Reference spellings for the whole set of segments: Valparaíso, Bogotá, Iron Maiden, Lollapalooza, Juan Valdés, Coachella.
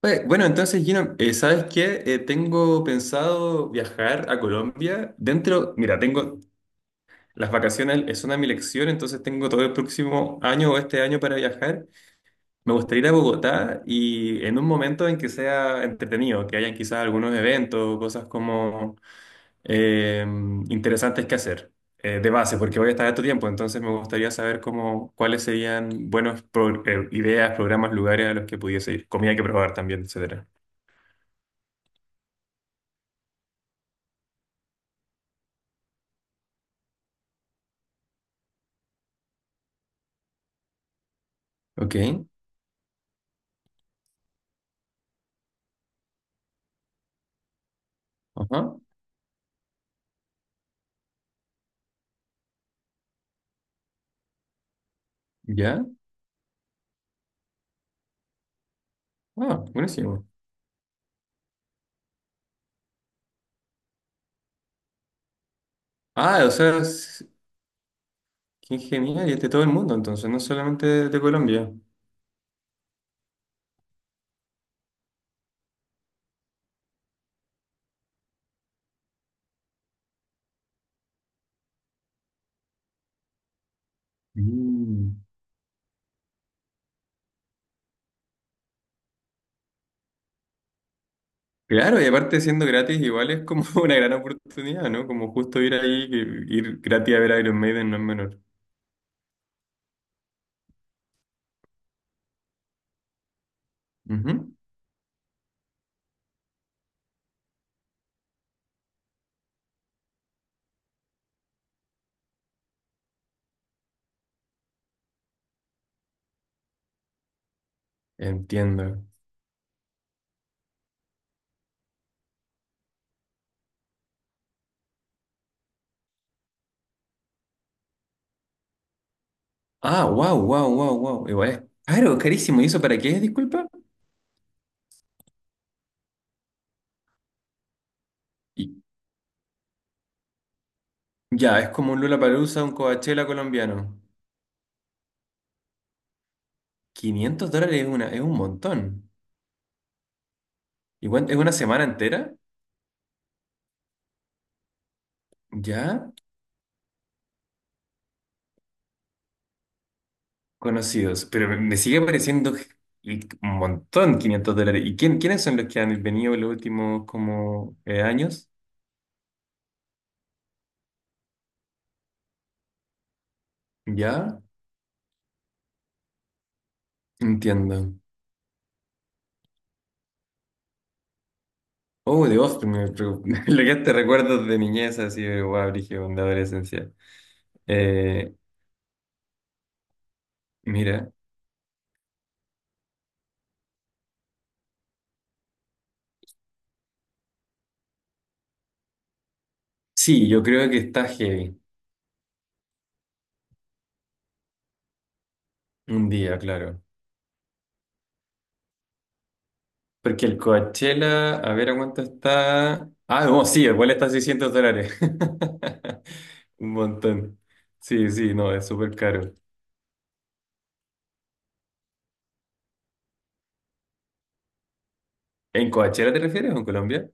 Pues, bueno, entonces, Gino, ¿sabes qué? Tengo pensado viajar a Colombia dentro, mira, tengo las vacaciones, es una mi lección, entonces tengo todo el próximo año o este año para viajar. Me gustaría ir a Bogotá y en un momento en que sea entretenido, que hayan quizás algunos eventos, cosas como eh, interesantes que hacer de base, porque voy a estar harto tiempo, entonces me gustaría saber cómo, cuáles serían buenas ideas, programas, lugares a los que pudiese ir, comida que probar también, etcétera. Ok. Ajá, ya. Ah, buenísimo. Ah, o sea, qué genial, y es de todo el mundo, entonces, no solamente de Colombia. Mm. Claro, y aparte siendo gratis, igual es como una gran oportunidad, ¿no? Como justo ir ahí, que ir gratis a ver Iron Maiden no es menor. Ujú. Entiendo. Ah, wow, wow, wow, wow. Igual es caro, carísimo. ¿Y eso para qué es, disculpa? Y- ya, es como un Lollapalooza, un Coachella colombiano. Quinientos dólares es un montón. ¿Y es una semana entera? ¿Ya? Conocidos, pero me sigue pareciendo y un montón 500 dólares. ¿Y quiénes son los que han venido en los últimos como años? Ya, entiendo. Oh, de Austin, me lo que te recuerdos de niñez, así de guau, brígido, de adolescencia. Eh, Mira, sí, yo creo que está heavy un día, claro. Porque el Coachella, a ver a cuánto está. Ah, no, sí, igual está a $600. Un montón. Sí, sí, no, es súper caro. ¿En Coachella te refieres o en Colombia?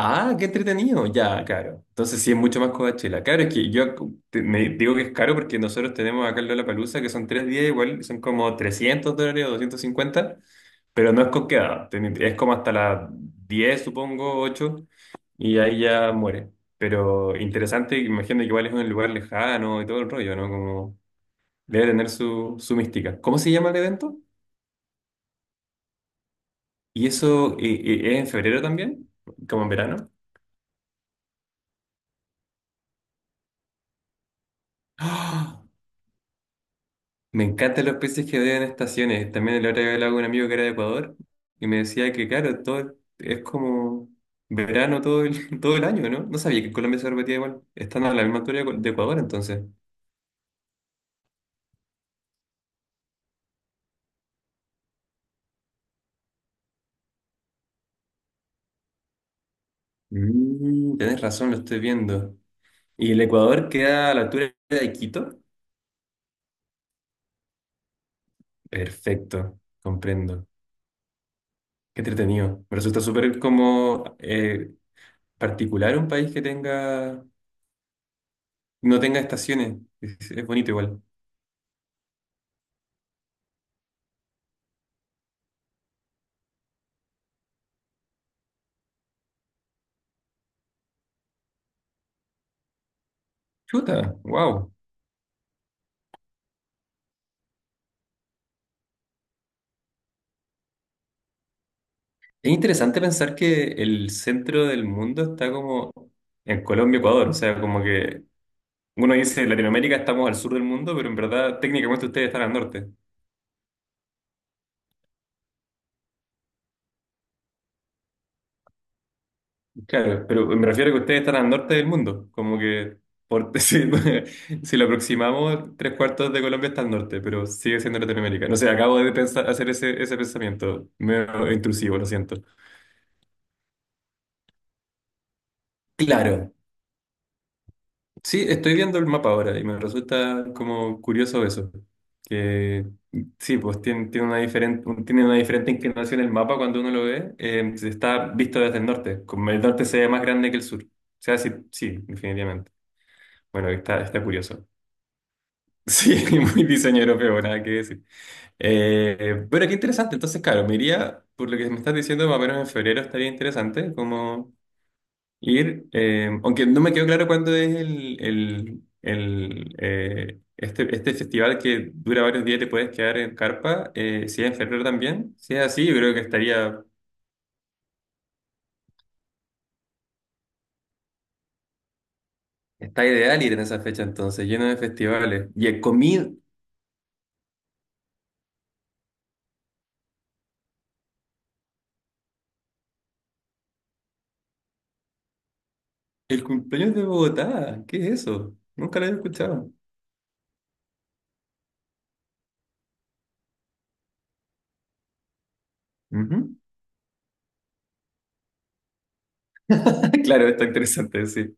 Ah, qué entretenido. Ya, claro. Entonces sí es mucho más Coachella. Claro, es que yo me digo que es caro porque nosotros tenemos acá en Lollapalooza que son tres días, igual son como 300 dólares o 250, pero no es con quedada. Es como hasta las 10, supongo, 8, y ahí ya muere. Pero interesante, imagino que igual es un lugar lejano y todo el rollo, ¿no? Como debe tener su mística. ¿Cómo se llama el evento? ¿Y eso es en febrero también? ¿Como en verano? ¡Ah! Me encantan los peces que odian estaciones. También el otro día hablaba con un amigo que era de Ecuador y me decía que, claro, todo es como verano todo el, todo el año, ¿no? No sabía que en Colombia se repetía igual. Están a la misma altura de Ecuador, entonces. Mm, tenés razón, lo estoy viendo. ¿Y el Ecuador queda a la altura de Quito? Perfecto, comprendo. Qué entretenido. Me resulta súper como particular un país que no tenga estaciones. Es bonito igual. Chuta, wow. Es interesante pensar que el centro del mundo está como en Colombia, Ecuador. O sea, como que uno dice Latinoamérica estamos al sur del mundo, pero en verdad técnicamente ustedes están al norte. Claro, pero me refiero a que ustedes están al norte del mundo. Como que por, si lo aproximamos, tres cuartos de Colombia está al norte, pero sigue siendo Latinoamérica. No sé, acabo de pensar, hacer ese pensamiento medio intrusivo, lo siento. Claro, sí, estoy viendo el mapa ahora y me resulta como curioso eso. Que sí, pues tiene una diferente inclinación el mapa cuando uno lo ve. Si está visto desde el norte. Como el norte se ve más grande que el sur. O sea, sí, sí, definitivamente. Bueno, está curioso. Sí, muy diseño europeo, nada que decir. Bueno, qué interesante. Entonces, claro, me iría, por lo que me estás diciendo, más o menos en febrero estaría interesante, como ir, aunque no me quedó claro cuándo es este festival que dura varios días, te puedes quedar en carpa, si es en febrero también. Si es así, yo creo que está ideal ir en esa fecha entonces, lleno de festivales. Y el comida. El cumpleaños de Bogotá, ¿qué es eso? Nunca lo había escuchado. Ujú. Claro, está interesante, sí.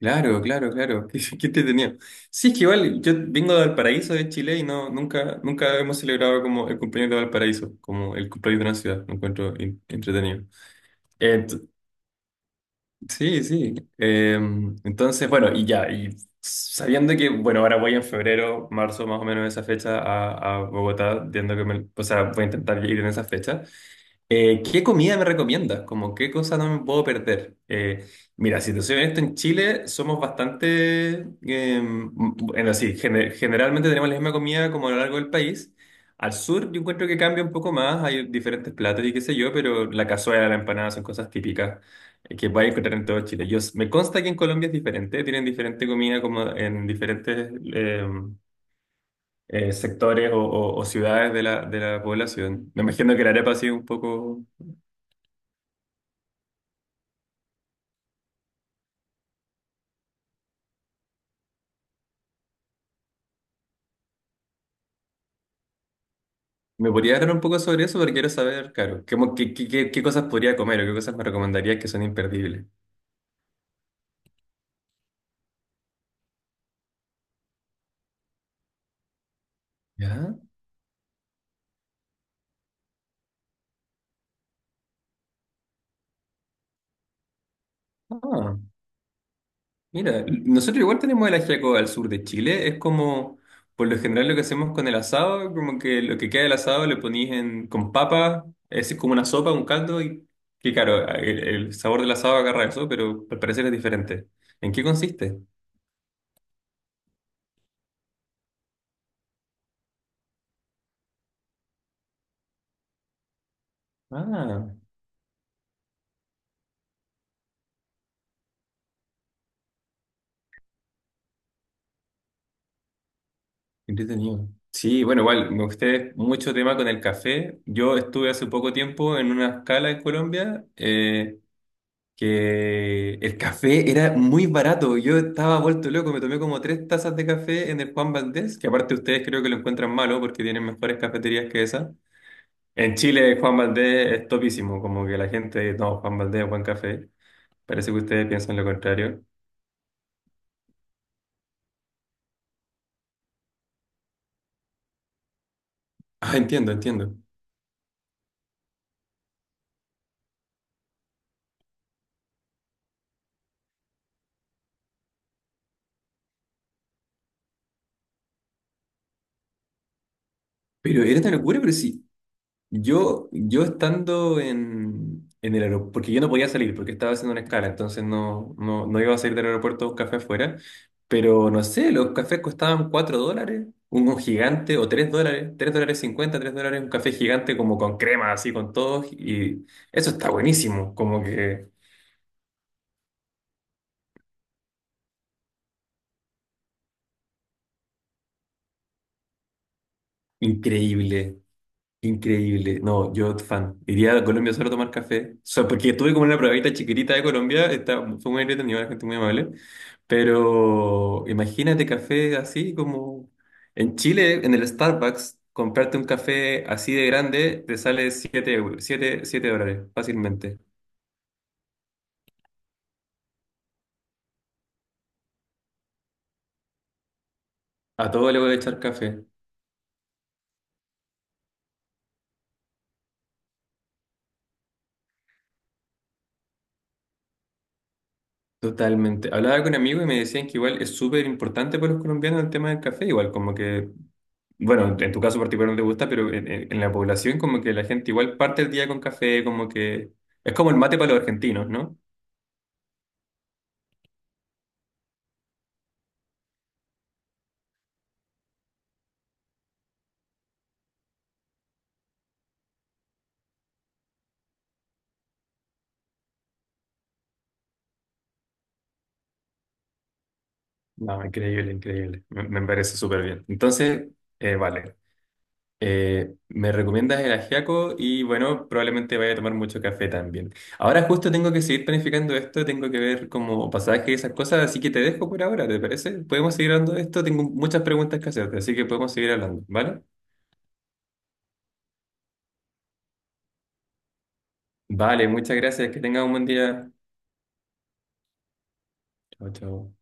Claro, claro, claro. Qué entretenido. Sí, es que igual yo vengo de Valparaíso, de Chile, y no, nunca, nunca hemos celebrado como el cumpleaños de Valparaíso, como el cumpleaños de una ciudad. Lo encuentro entretenido. Eh, sí, sí. Entonces, bueno, y ya, y sabiendo que, bueno, ahora voy en febrero, marzo, más o menos esa fecha a, Bogotá, viendo que me, o sea, voy a intentar ir en esa fecha. ¿Qué comida me recomiendas? Como, ¿qué cosa no me puedo perder? Mira, si te soy honesto, en Chile somos bastante, eh, m- bueno, sí, generalmente tenemos la misma comida como a lo largo del país. Al sur yo encuentro que cambia un poco más, hay diferentes platos y qué sé yo, pero la cazuela, la empanada son cosas típicas que puedes encontrar en todo Chile. Yo, me consta que en Colombia es diferente, tienen diferente comida como en diferentes sectores o ciudades de la población. Me imagino que la arepa ha sido un poco. ¿Me podría hablar un poco sobre eso? Porque quiero saber, claro, qué, mo- qué, qué, qué- qué cosas podría comer o qué cosas me recomendarías que son imperdibles. ¿Ya? Ah, mira, nosotros igual tenemos el ajiaco al sur de Chile. Es como, por lo general, lo que hacemos con el asado, como que lo que queda del asado lo ponís con papa, es como una sopa, un caldo, y que claro, el sabor del asado agarra eso, pero al parecer es diferente. ¿En qué consiste? Ah. Entretenido. Sí, bueno, igual, me gusté mucho tema con el café. Yo estuve hace poco tiempo en una escala en Colombia que el café era muy barato. Yo estaba vuelto loco, me tomé como tres tazas de café en el Juan Valdés, que aparte ustedes creo que lo encuentran malo porque tienen mejores cafeterías que esa. En Chile, Juan Valdés es topísimo, como que la gente, no, Juan Valdés es buen café. Parece que ustedes piensan lo contrario. Ah, entiendo, entiendo. Pero era una locura, pero sí. Yo estando en el aeropuerto, porque yo no podía salir, porque estaba haciendo una escala, entonces no, no, no iba a salir del aeropuerto a un café afuera, pero no sé, los cafés costaban 4 dólares, uno gigante, o 3 dólares 50 3 dólares, un café gigante como con crema, así con todo, y eso está buenísimo, como que increíble. Increíble. No, yo fan. Iría a Colombia solo a tomar café. O sea, porque estuve como en una probadita chiquitita de Colombia. Fue muy entretenido, la gente muy amable. Pero imagínate café así como en Chile, en el Starbucks, comprarte un café así de grande te sale 7 euros, siete dólares fácilmente. A todo le voy a echar café. Totalmente. Hablaba con amigos y me decían que igual es súper importante para los colombianos el tema del café, igual como que bueno, en tu caso particular no te gusta, pero en la población como que la gente igual parte el día con café, como que es como el mate para los argentinos, ¿no? No, increíble, increíble. Me parece súper bien. Entonces, vale. Me recomiendas el ajiaco y bueno, probablemente vaya a tomar mucho café también. Ahora justo tengo que seguir planificando esto, tengo que ver como pasajes y esas cosas, así que te dejo por ahora, ¿te parece? Podemos seguir hablando de esto, tengo muchas preguntas que hacerte, así que podemos seguir hablando, ¿vale? Vale, muchas gracias, que tengas un buen día. Chao, chao.